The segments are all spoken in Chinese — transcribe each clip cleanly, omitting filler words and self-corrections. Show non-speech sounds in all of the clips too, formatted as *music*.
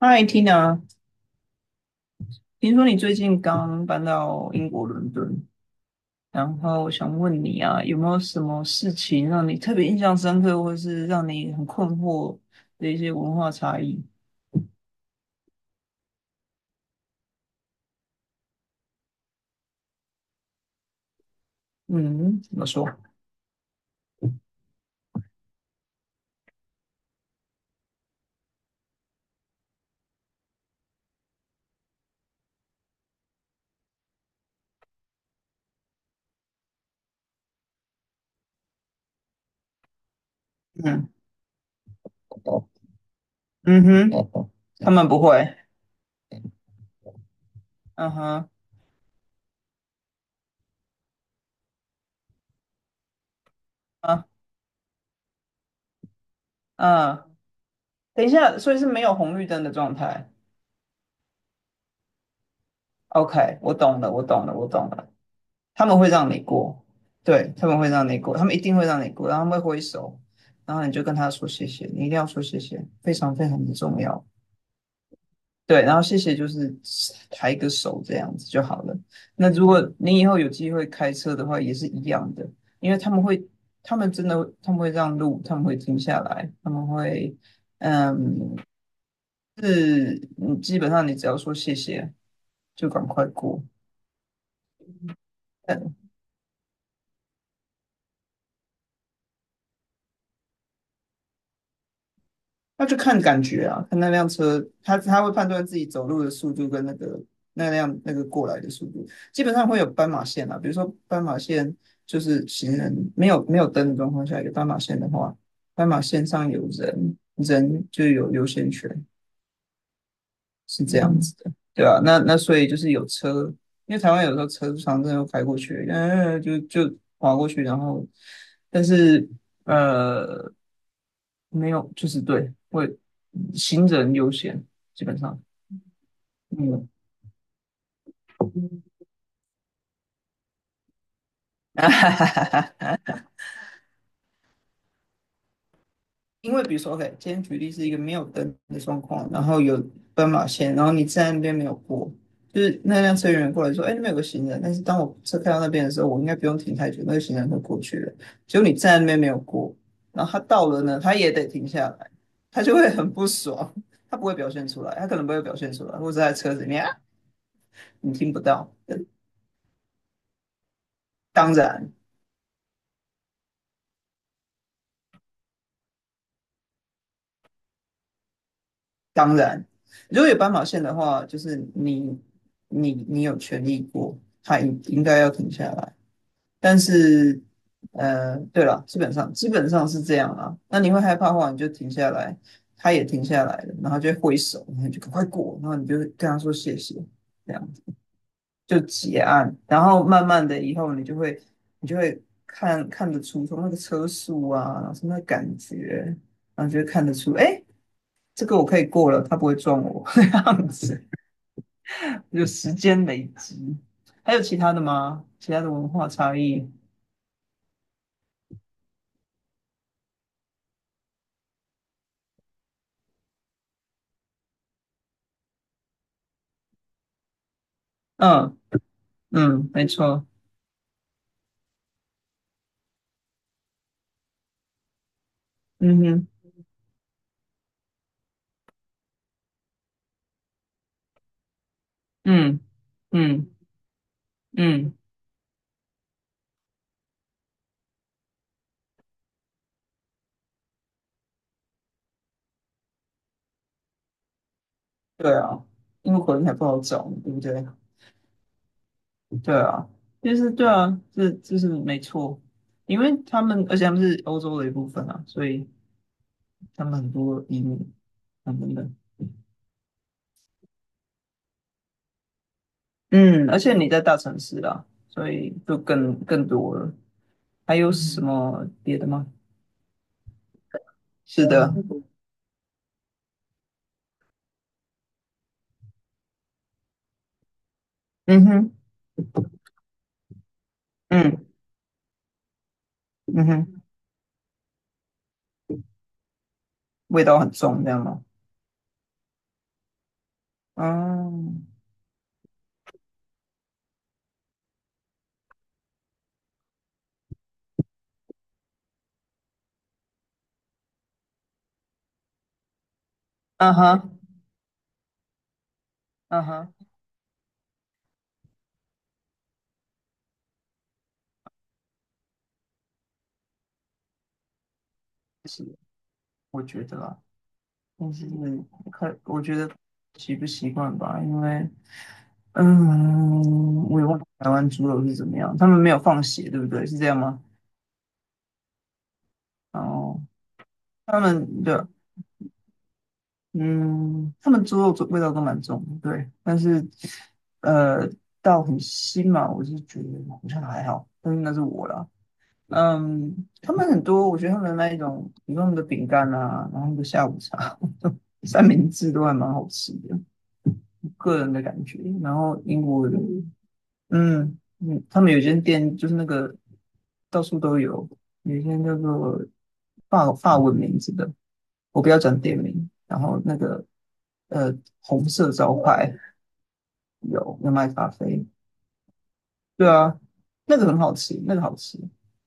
嗨，Tina，听说你最近刚搬到英国伦敦，然后我想问你啊，有没有什么事情让你特别印象深刻，或是让你很困惑的一些文化差异？嗯，怎么说？嗯嗯哼，他们不会。嗯哼，啊啊，等一下，所以是没有红绿灯的状态。OK，我懂了，我懂了，我懂了。他们会让你过，对，他们会让你过，他们一定会让你过，然后他们会挥手，然后你就跟他说谢谢，你一定要说谢谢，非常非常的重要。对，然后谢谢就是抬个手这样子就好了。那如果你以后有机会开车的话，也是一样的，因为他们会，他们真的会让路，他们会停下来，他们会，嗯，是，嗯基本上你只要说谢谢，就赶快过。那就看感觉啊，看那辆车，他会判断自己走路的速度跟那个那辆过来的速度，基本上会有斑马线啊。比如说斑马线就是行人没有灯的状况下有斑马线的话，斑马线上有人，人就有优先权。是这样子的，对啊，那所以就是有车，因为台湾有时候车常常真的会开过去，嗯、就划过去，然后但是呃没有，就是对，会行人优先，基本上，嗯，*laughs* 因为比如说，OK，今天举例是一个没有灯的状况，然后有斑马线，然后你站在那边没有过，就是那辆车员过来说，哎，那边有个行人，但是当我车开到那边的时候，我应该不用停太久，那个行人会过去了。结果你站在那边没有过，然后他到了呢，他也得停下来，他就会很不爽，他不会表现出来，他可能不会表现出来，或者在车子里面啊你听不到。当然，当然，如果有斑马线的话，就是你有权利过，他应该要停下来。但是，对了，基本上是这样啦。那你会害怕的话，你就停下来，他也停下来了，然后就会挥手，然后你就赶快过，然后你就跟他说谢谢，这样就结案。然后慢慢的以后，你就会看得出从那个车速啊，什么感觉，然后就会看得出，哎，这个我可以过了，他不会撞我 *laughs*，这样子，就时间累积。还有其他的吗？其他的文化差异？嗯嗯，没错。嗯哼，嗯嗯嗯，对啊，因为口音还不好找，对不对？对啊，就是对啊，这是没错，因为他们，而且他们是欧洲的一部分啊，所以他们很多移民等等等。嗯，而且你在大城市啦，所以就更多了。还有什么别的吗？是的，嗯哼，嗯嗯哼，味道很重，这样吗？嗯，嗯哼，嗯哼，是，我觉得啊。但是看，我觉得习不习惯吧，因为，嗯，我也忘了台湾猪肉是怎么样，他们没有放血，对不对？是这样吗？哦，他们的，嗯，他们猪肉味道都蛮重的，对，但是，呃，到很腥嘛，我是觉得好像还好，但是那是我啦。嗯，他们很多，我觉得他们那一种，比如说他们的饼干啊，然后他们的下午茶、*laughs* 三明治都还蛮好吃的。个人的感觉。然后英国人，嗯嗯，他们有一间店就是那个到处都有，有一间叫做法文名字的，我不要讲店名。然后那个呃红色招牌有卖咖啡，对啊，那个很好吃，那个好吃，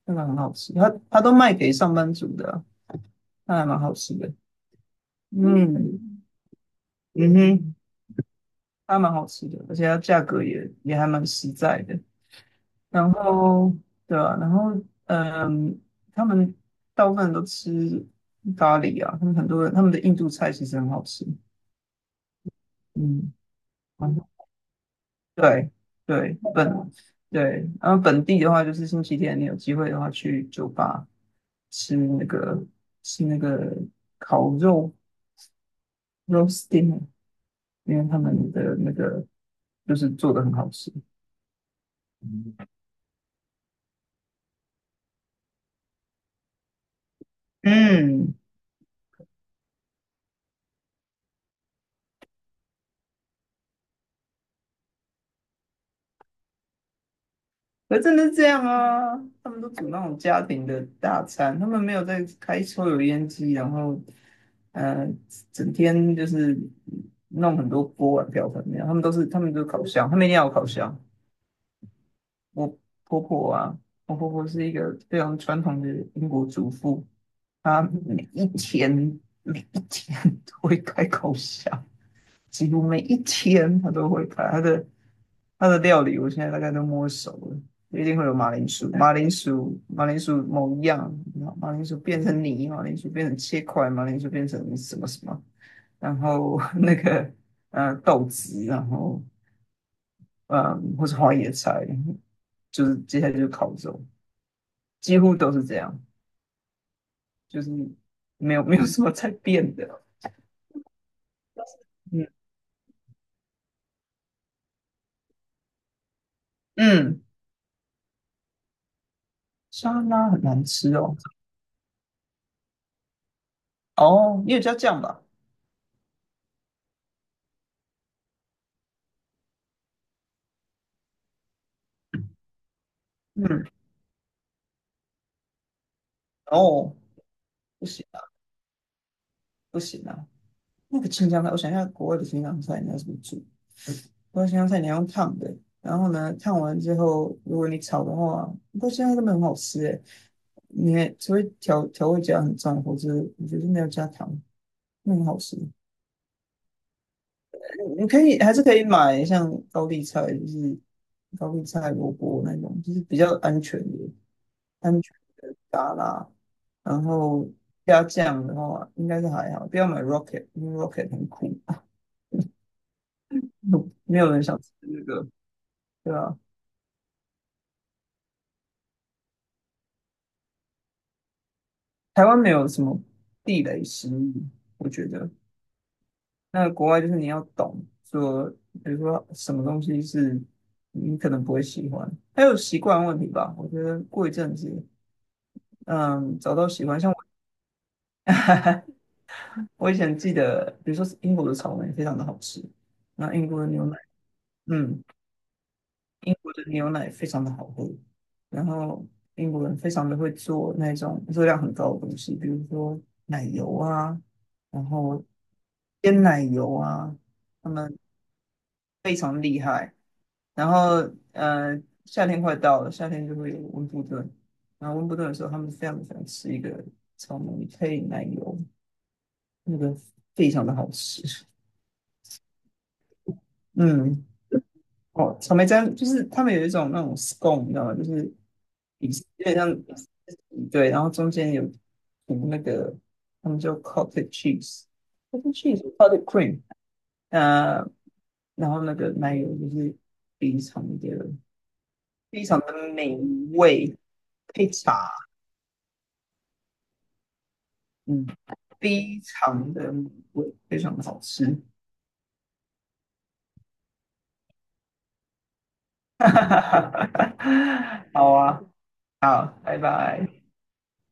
那个很好吃。他都卖给上班族的，那还蛮好吃的。嗯嗯哼，它还蛮好吃的，而且它价格也还蛮实在的。然后对啊，然后嗯，他们大部分人都吃咖喱啊，他们很多人他们的印度菜其实很好吃，嗯，然后对对本对，然后本地的话就是星期天你有机会的话去酒吧吃那个吃那个烤肉 roast dinner，因为他们的那个就是做的很好吃，嗯，可是真的是这样啊，他们都煮那种家庭的大餐，他们没有在开抽油烟机，然后呃，整天就是弄很多锅碗瓢盆那样，他们都是烤箱，他们一定要有烤箱。我婆婆啊，我婆婆是一个非常传统的英国主妇，她每一天每一天都会开烤箱，几乎每一天他都会拍他的料理，我现在大概都摸熟了，一定会有马铃薯，马铃薯，马铃薯某一样，然后马铃薯变成泥，马铃薯变成切块，马铃薯变成什么什么，然后 *laughs* 那个豆子，然后嗯或是花椰菜，就是接下来就是烤肉，几乎都是这样，就是没有什么在变的，嗯嗯，沙拉很难吃哦，哦，你有加酱吧？嗯。哦，不行啊不行啊！那个青江菜，我想一下，国外的青江菜你要怎么煮？国外青江菜你要用烫的，然后呢，烫完之后，如果你炒的话，不过现在根本很好吃诶，你除非调味加很重，或者我觉得没有加糖，那很好吃。嗯你可以还是可以买像高丽菜，就是高丽菜、萝卜那种，就是比较安全的、安全的沙拉。然后加酱的话，应该是还好，不要买 Rocket，因为 Rocket 很苦。*laughs* 没有人想吃那个，对啊，台湾没有什么地雷食物，我觉得。那国外就是你要懂说，比如说什么东西是你可能不会喜欢，还有习惯问题吧。我觉得过一阵子，嗯，找到喜欢，像我，*laughs* 我以前记得，比如说英国的草莓非常的好吃，那英国的牛奶，嗯。英国的牛奶非常的好喝，然后英国人非常的会做那种热量很高的东西，比如说奶油啊，然后鲜奶油啊，他们非常厉害。然后夏天快到了，夏天就会有温布顿，然后温布顿的时候，他们非常喜欢吃一个草莓配奶油，那个非常的好吃。嗯，哦，草莓酱就是他们有一种那种 scone，你知道吗？就是底是有点像对，然后中间有涂那个，他们叫 cottage cheese，cottage cream，呃，然后那个奶油就是非常的非常的美味，配茶，嗯，非常的美味，非常的好吃，*laughs* 好啊，好，拜拜。